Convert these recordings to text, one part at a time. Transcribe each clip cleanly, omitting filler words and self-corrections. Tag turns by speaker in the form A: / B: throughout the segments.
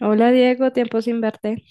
A: Hola Diego, tiempo sin verte.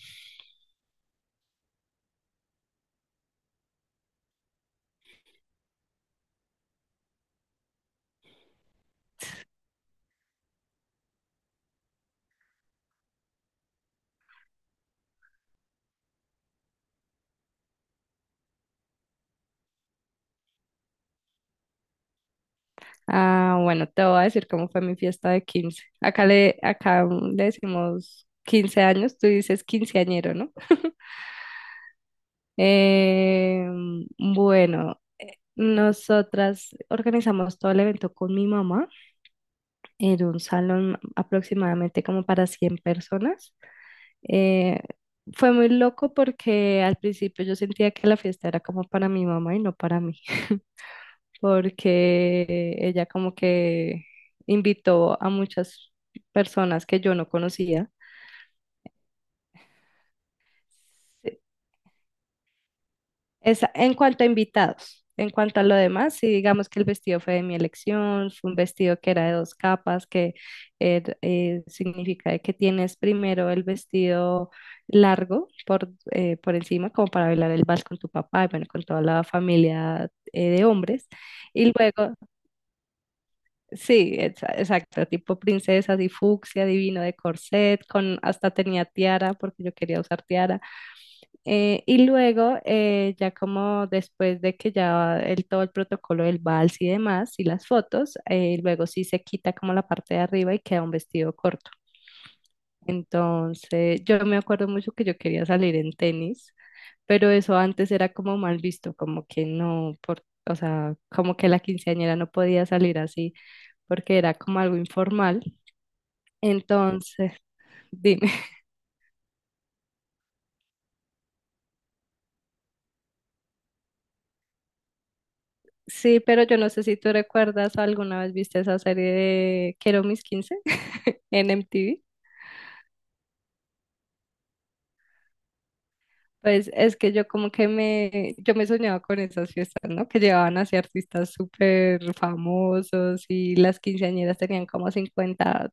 A: Bueno, te voy a decir cómo fue mi fiesta de 15. Acá le, acá mm, Le decimos 15 años, tú dices quinceañero, ¿no? Eh, bueno, nosotras organizamos todo el evento con mi mamá en un salón aproximadamente como para 100 personas. Eh, Fue muy loco porque al principio yo sentía que la fiesta era como para mi mamá y no para mí, porque ella como que invitó a muchas personas que yo no conocía. Sí. En cuanto a invitados, en cuanto a lo demás, sí, digamos que el vestido fue de mi elección, fue un vestido que era de dos capas, que significa de que tienes primero el vestido largo por por encima, como para bailar el vals con tu papá y bueno, con toda la familia de hombres, y luego... Sí, exacto, tipo princesa, así fucsia, divino de corset, con hasta tenía tiara porque yo quería usar tiara. Y luego, ya como después de que todo el protocolo del vals y demás, y las fotos, luego sí se quita como la parte de arriba y queda un vestido corto. Entonces, yo me acuerdo mucho que yo quería salir en tenis, pero eso antes era como mal visto, como que no, por, o sea, como que la quinceañera no podía salir así porque era como algo informal, entonces... Dime. Sí, pero yo no sé si tú recuerdas, alguna vez viste esa serie de Quiero mis 15 en MTV. Pues es que yo me soñaba con esas fiestas, ¿no? Que llevaban así artistas súper famosos y las quinceañeras tenían como 50,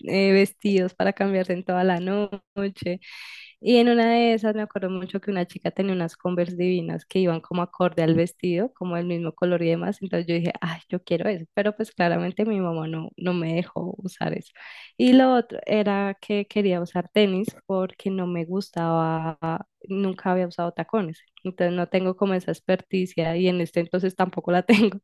A: vestidos para cambiarse en toda la noche. Y en una de esas me acuerdo mucho que una chica tenía unas Converse divinas que iban como acorde al vestido, como el mismo color y demás. Entonces yo dije, ay, yo quiero eso. Pero pues claramente mi mamá no me dejó usar eso. Y lo otro era que quería usar tenis porque no me gustaba, nunca había usado tacones. Entonces no tengo como esa experticia y en este entonces tampoco la tengo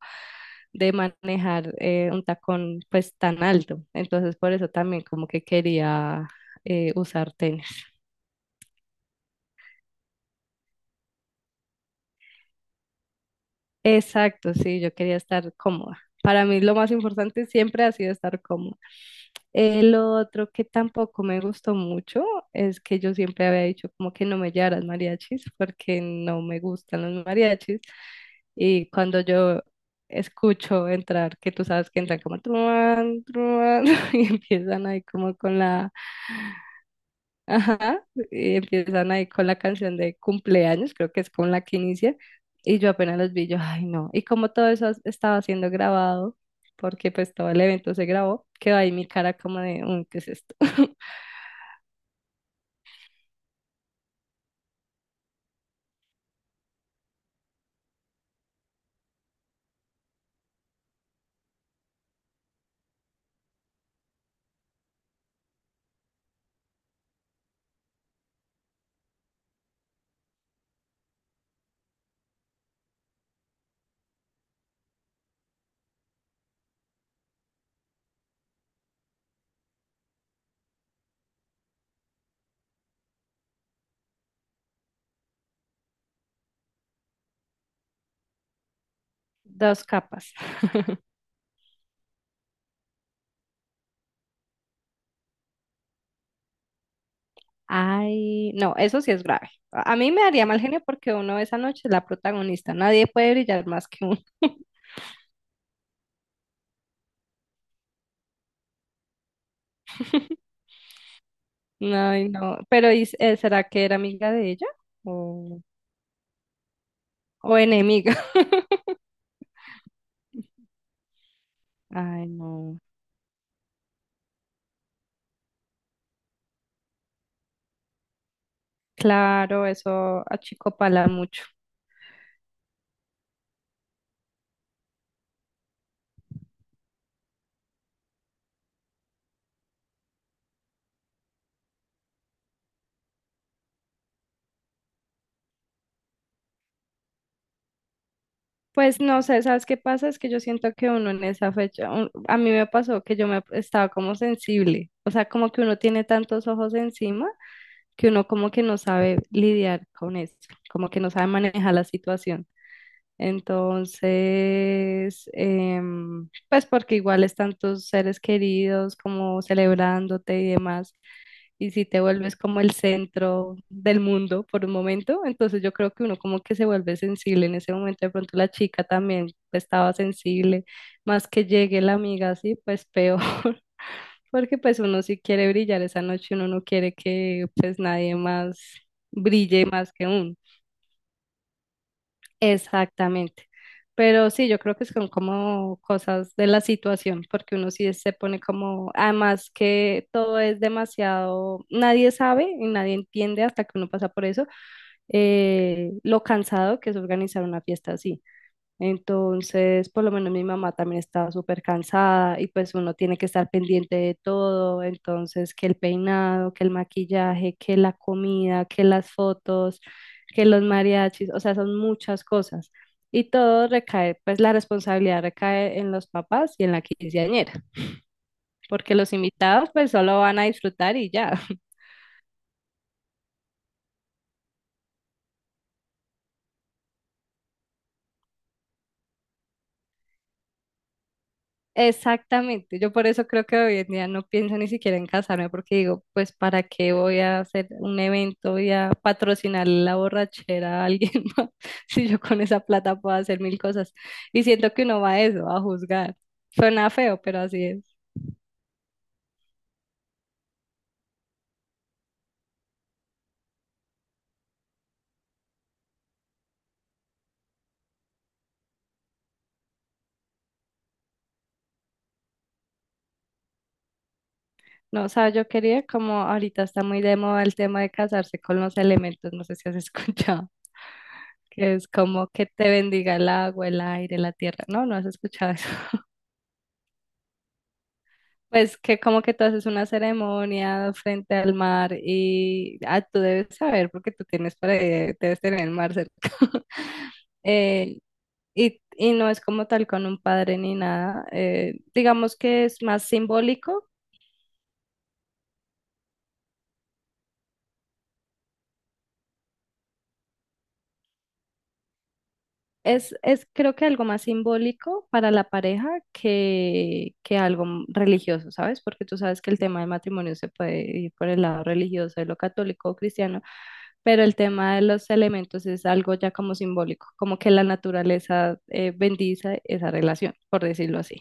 A: de manejar un tacón pues tan alto. Entonces por eso también como que quería usar tenis. Exacto, sí, yo quería estar cómoda. Para mí lo más importante siempre ha sido estar cómoda. El otro que tampoco me gustó mucho es que yo siempre había dicho como que no me llevaras mariachis porque no me gustan los mariachis. Y cuando yo escucho entrar, que tú sabes que entran como truán, truán, y empiezan ahí como con la... Ajá, y empiezan ahí con la canción de cumpleaños, creo que es con la que inicia, y yo apenas los vi, yo, ay no, y como todo eso estaba siendo grabado, porque pues todo el evento se grabó, quedó ahí mi cara como de, "Uy, ¿qué es esto?" Dos capas. Ay, no, eso sí es grave. A mí me daría mal genio porque uno esa noche es la protagonista, nadie puede brillar más que uno. Ay, no, pero ¿y será que era amiga de ella o, o enemiga? Ay, no. Claro, eso achicopala mucho. Pues no sé, ¿sabes qué pasa? Es que yo siento que uno en esa fecha, a mí me pasó que yo me estaba como sensible, o sea, como que uno tiene tantos ojos encima, que uno como que no sabe lidiar con eso, como que no sabe manejar la situación. Entonces, pues porque igual están tus seres queridos como celebrándote y demás, y si te vuelves como el centro del mundo por un momento, entonces yo creo que uno como que se vuelve sensible en ese momento, de pronto la chica también estaba sensible, más que llegue la amiga así, pues peor. Porque pues uno sí quiere brillar esa noche, uno no quiere que pues nadie más brille más que uno. Exactamente. Pero sí, yo creo que son como cosas de la situación, porque uno sí se pone como, además que todo es demasiado, nadie sabe y nadie entiende hasta que uno pasa por eso, lo cansado que es organizar una fiesta así. Entonces, por lo menos mi mamá también estaba súper cansada y pues uno tiene que estar pendiente de todo. Entonces, que el peinado, que el maquillaje, que la comida, que las fotos, que los mariachis, o sea, son muchas cosas. Y todo recae, pues la responsabilidad recae en los papás y en la quinceañera, porque los invitados pues solo van a disfrutar y ya. Exactamente, yo por eso creo que hoy en día no pienso ni siquiera en casarme porque digo, pues para qué voy a hacer un evento y a patrocinar la borrachera a alguien más si yo con esa plata puedo hacer mil cosas. Y siento que uno va a eso, a juzgar. Suena feo, pero así es. No, o sea, yo quería como ahorita está muy de moda el tema de casarse con los elementos, no sé si has escuchado, que es como que te bendiga el agua, el aire, la tierra. No, no has escuchado eso. Pues que como que tú haces una ceremonia frente al mar y ah, tú debes saber porque tú tienes para debes tener el mar cerca. Eh, y, y no es como tal con un padre ni nada, digamos que es más simbólico. Es creo que algo más simbólico para la pareja que algo religioso, ¿sabes? Porque tú sabes que el tema del matrimonio se puede ir por el lado religioso de lo católico o cristiano, pero el tema de los elementos es algo ya como simbólico, como que la naturaleza bendice esa relación, por decirlo así.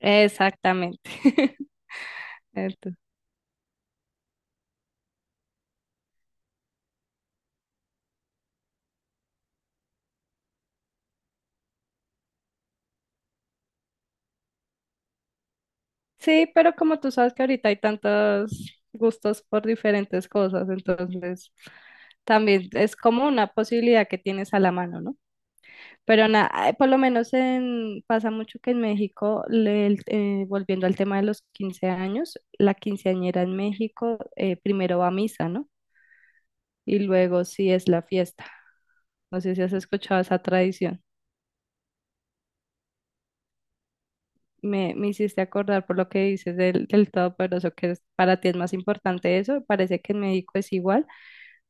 A: Exactamente. Entonces... Sí, pero como tú sabes que ahorita hay tantos gustos por diferentes cosas, entonces también es como una posibilidad que tienes a la mano, ¿no? Pero nada, por lo menos en, pasa mucho que en México, volviendo al tema de los 15 años, la quinceañera en México primero va a misa, ¿no? Y luego sí es la fiesta. No sé si has escuchado esa tradición. Me hiciste acordar por lo que dices del, del todopoderoso, que para ti es más importante eso. Parece que en México es igual,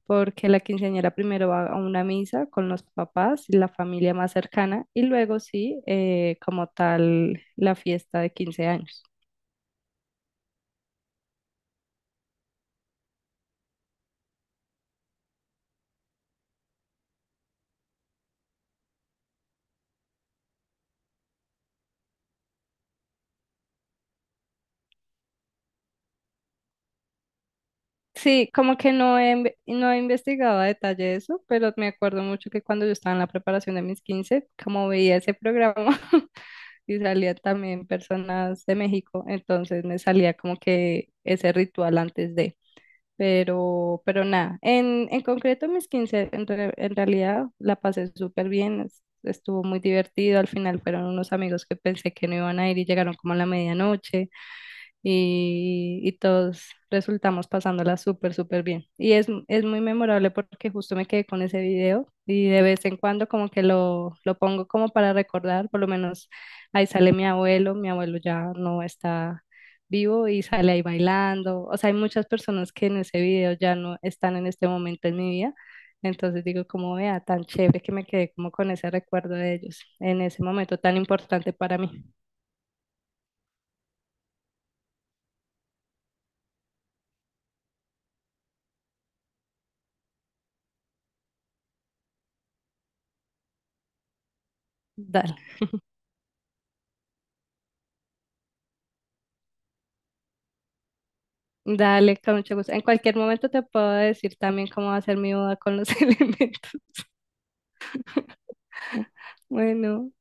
A: porque la quinceañera primero va a una misa con los papás y la familia más cercana, y luego sí, como tal, la fiesta de 15 años. Sí, como que no he investigado a detalle eso, pero me acuerdo mucho que cuando yo estaba en la preparación de mis 15 como veía ese programa, y salía también personas de México, entonces me salía como que ese ritual antes de, pero nada, en concreto mis 15 en realidad la pasé súper bien, estuvo muy divertido, al final fueron unos amigos que pensé que no iban a ir y llegaron como a la medianoche, y todos resultamos pasándola súper, súper bien. Y es muy memorable porque justo me quedé con ese video y de vez en cuando como que lo pongo como para recordar, por lo menos ahí sale mi abuelo ya no está vivo y sale ahí bailando. O sea, hay muchas personas que en ese video ya no están en este momento en mi vida. Entonces digo, como vea, tan chévere que me quedé como con ese recuerdo de ellos en ese momento tan importante para mí. Dale. Dale, con mucho gusto. En cualquier momento te puedo decir también cómo va a ser mi boda con los elementos. Bueno.